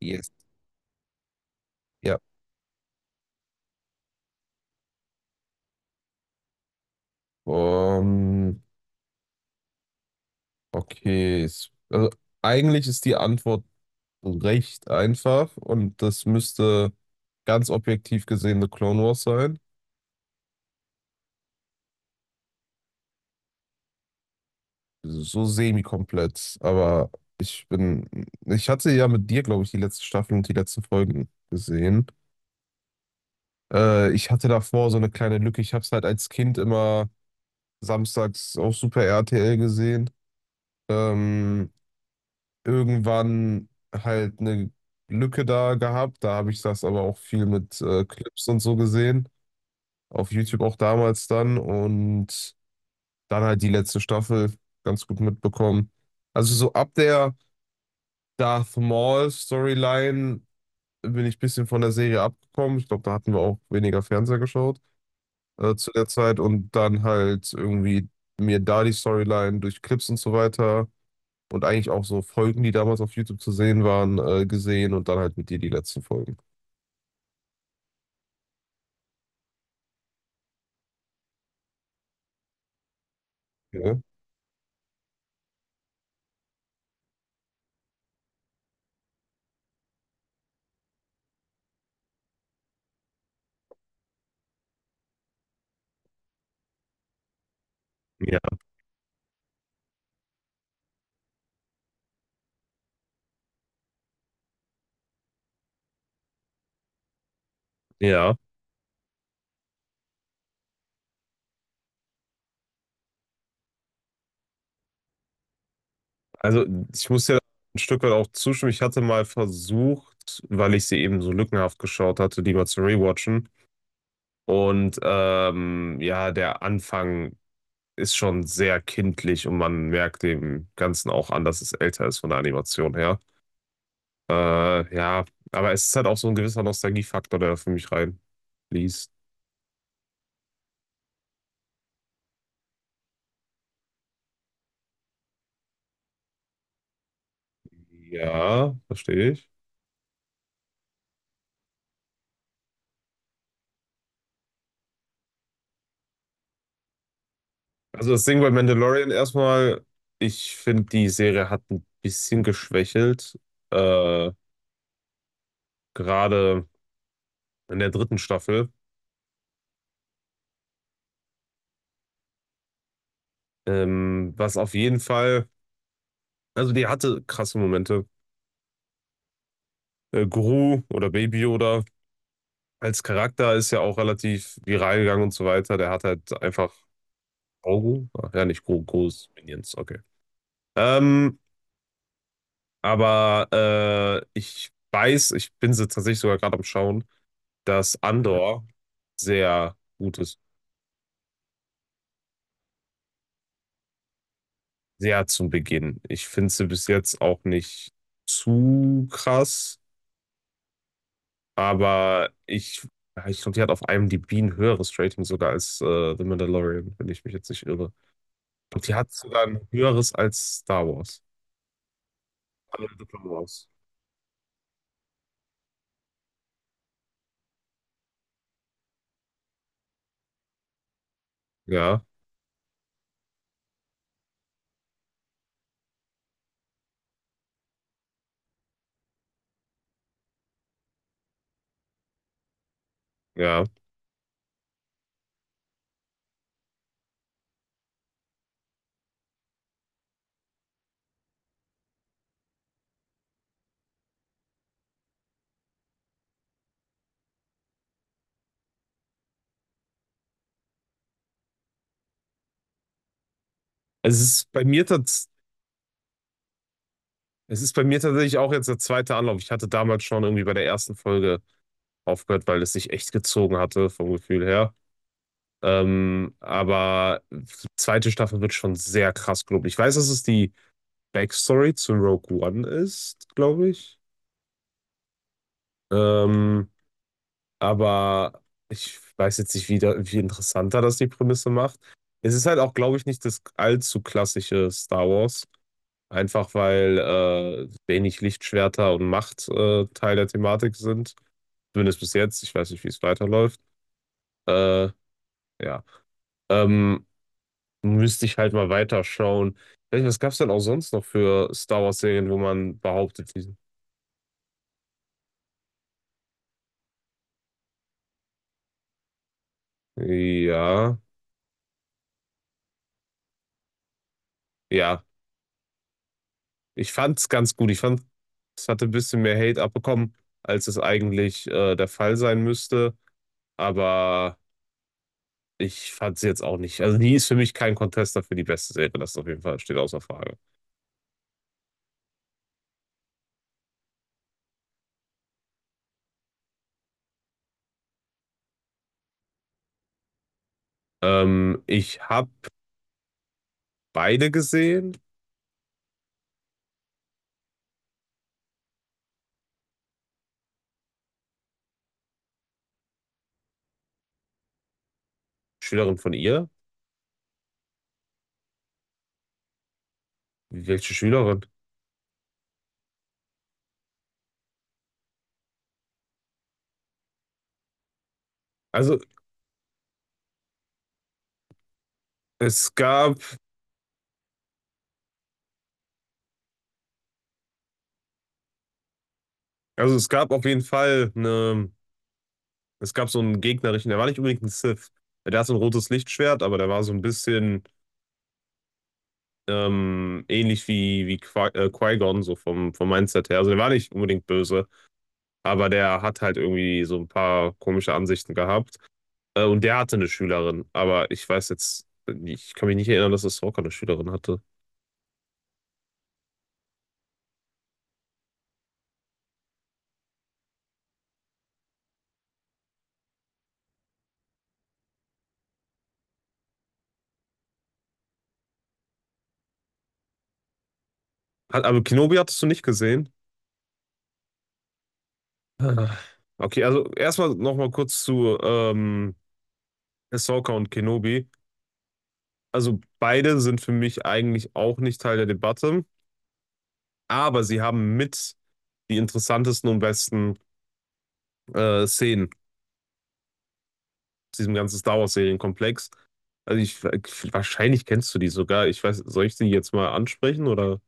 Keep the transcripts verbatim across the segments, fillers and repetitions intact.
Yes. Ja. Ähm, okay. es- Also eigentlich ist die Antwort recht einfach und das müsste ganz objektiv gesehen The Clone Wars sein. So semi-komplett, aber ich bin. ich hatte ja mit dir, glaube ich, die letzte Staffel und die letzten Folgen gesehen. Äh, ich hatte davor so eine kleine Lücke. Ich habe es halt als Kind immer samstags auf Super R T L gesehen. Ähm, Irgendwann halt eine Lücke da gehabt. Da habe ich das aber auch viel mit äh, Clips und so gesehen. Auf YouTube auch damals dann. Und dann halt die letzte Staffel ganz gut mitbekommen. Also so ab der Darth Maul Storyline bin ich ein bisschen von der Serie abgekommen. Ich glaube, da hatten wir auch weniger Fernseher geschaut äh, zu der Zeit. Und dann halt irgendwie mir da die Storyline durch Clips und so weiter und eigentlich auch so Folgen, die damals auf YouTube zu sehen waren, äh, gesehen und dann halt mit dir die letzten Folgen. Ja. Ja, also ich muss ja ein Stück weit auch zustimmen. Ich hatte mal versucht, weil ich sie eben so lückenhaft geschaut hatte, die mal zu rewatchen. Und ähm, ja, der Anfang ist schon sehr kindlich und man merkt dem Ganzen auch an, dass es älter ist von der Animation her. Äh, ja, aber es ist halt auch so ein gewisser Nostalgiefaktor, der für mich reinfließt. Ja, verstehe ich. Also das Ding bei Mandalorian erstmal, ich finde, die Serie hat ein bisschen geschwächelt, äh, gerade in der dritten Staffel. Ähm, was auf jeden Fall, also die hatte krasse Momente. Äh, Gru oder Baby Yoda als Charakter ist ja auch relativ viral gegangen und so weiter. Der hat halt einfach Augen. Ach ja, nicht Gru, Gru ist Minions, okay. Ähm, aber äh, ich weiß, ich bin sie tatsächlich sogar gerade am Schauen, dass Andor sehr gut ist. Sehr zum Beginn. Ich finde sie bis jetzt auch nicht zu krass, aber ich, ja, ich glaube, die hat auf I M D b ein höheres Rating sogar als äh, The Mandalorian, wenn ich mich jetzt nicht irre. Und die hat sogar ein höheres als Star Wars. Alle The Clone Wars. Ja, ja. Es ist bei mir tats Es ist bei mir tatsächlich auch jetzt der zweite Anlauf. Ich hatte damals schon irgendwie bei der ersten Folge aufgehört, weil es sich echt gezogen hatte vom Gefühl her. Ähm, aber die zweite Staffel wird schon sehr krass, glaube ich. Ich weiß, dass es die Backstory zu Rogue One ist, glaube ich. Ähm, aber ich weiß jetzt nicht, wie, da, wie interessanter das die Prämisse macht. Es ist halt auch, glaube ich, nicht das allzu klassische Star Wars. Einfach weil äh, wenig Lichtschwerter und Macht äh, Teil der Thematik sind. Zumindest bis jetzt. Ich weiß nicht, wie es weiterläuft. Äh, ja. Ähm, Müsste ich halt mal weiterschauen. Ich weiß nicht, was gab es denn auch sonst noch für Star Wars-Serien, wo man behauptet, die- ja, ja, ich fand's ganz gut. Ich fand, es hatte ein bisschen mehr Hate abbekommen, als es eigentlich äh, der Fall sein müsste. Aber ich fand's jetzt auch nicht. Also die ist für mich kein Contester für die beste Serie. Das auf jeden Fall steht außer Frage. Ähm, ich habe beide gesehen. Schülerin von ihr? Welche Schülerin? Also es gab, also es gab auf jeden Fall eine. Es gab so einen gegnerischen, der war nicht unbedingt ein Sith. Der hat so ein rotes Lichtschwert, aber der war so ein bisschen ähm, ähnlich wie, wie Qui- äh, Qui-Gon, so vom, vom Mindset her. Also der war nicht unbedingt böse, aber der hat halt irgendwie so ein paar komische Ansichten gehabt. Äh, und der hatte eine Schülerin, aber ich weiß jetzt, äh, ich kann mich nicht erinnern, dass Ahsoka eine Schülerin hatte. Hat, aber Kenobi hattest du nicht gesehen? Ah. Okay, also erstmal nochmal kurz zu ähm, Ahsoka und Kenobi. Also beide sind für mich eigentlich auch nicht Teil der Debatte. Aber sie haben mit die interessantesten und besten äh, Szenen aus diesem ganzen Star Wars-Serienkomplex. Also ich, wahrscheinlich kennst du die sogar. Ich weiß, soll ich die jetzt mal ansprechen oder?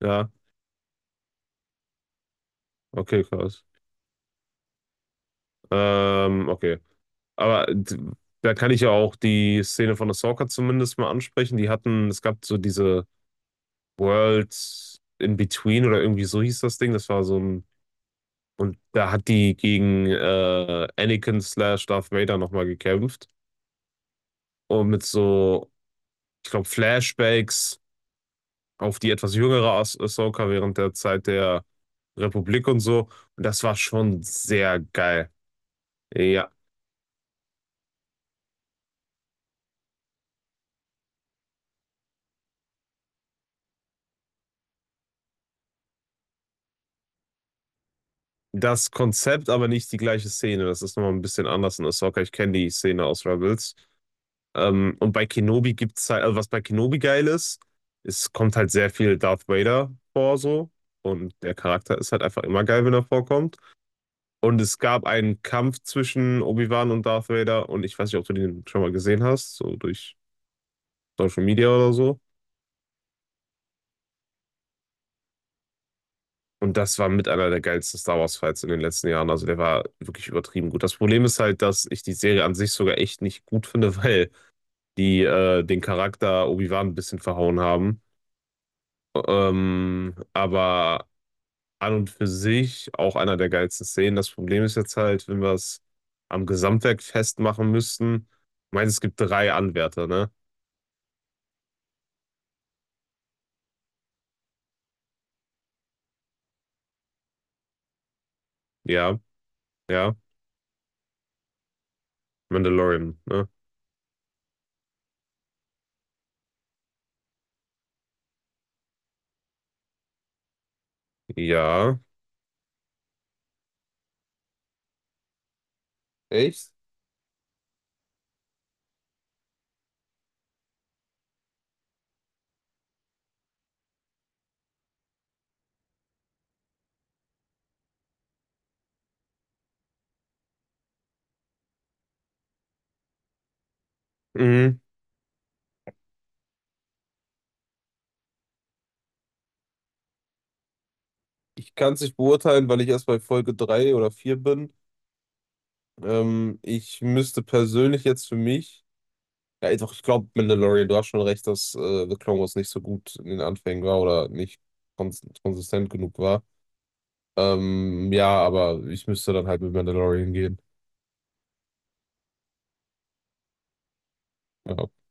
Ja, okay, krass. Ähm, okay. Aber d- Da kann ich ja auch die Szene von Ahsoka zumindest mal ansprechen. Die hatten, es gab so diese World in Between oder irgendwie so hieß das Ding. Das war so ein, und da hat die gegen äh, Anakin slash Darth Vader nochmal gekämpft. Und mit so ich glaube, Flashbacks auf die etwas jüngere Ahs- Ahsoka während der Zeit der Republik und so. Und das war schon sehr geil. Ja, das Konzept, aber nicht die gleiche Szene. Das ist nochmal ein bisschen anders in Ahsoka. Ich kenne die Szene aus Rebels. Ähm, und bei Kenobi gibt es halt, also was bei Kenobi geil ist, es kommt halt sehr viel Darth Vader vor so. Und der Charakter ist halt einfach immer geil, wenn er vorkommt. Und es gab einen Kampf zwischen Obi-Wan und Darth Vader. Und ich weiß nicht, ob du den schon mal gesehen hast, so durch Social Media oder so. Und das war mit einer der geilsten Star Wars Fights in den letzten Jahren. Also der war wirklich übertrieben gut. Das Problem ist halt, dass ich die Serie an sich sogar echt nicht gut finde, weil die äh, den Charakter Obi-Wan ein bisschen verhauen haben. Ähm, aber an und für sich auch einer der geilsten Szenen. Das Problem ist jetzt halt, wenn wir es am Gesamtwerk festmachen müssten. Ich meine, es gibt drei Anwärter, ne? Ja, ja. Mandalorian, ne? Ja. Echt? Mhm. Ich kann es nicht beurteilen, weil ich erst bei Folge drei oder vier bin. Ähm, ich müsste persönlich jetzt für mich. Ja, doch, ich glaube, Mandalorian, du hast schon recht, dass äh, The Clone Wars nicht so gut in den Anfängen war oder nicht kons konsistent genug war. Ähm, ja, aber ich müsste dann halt mit Mandalorian gehen. Ja.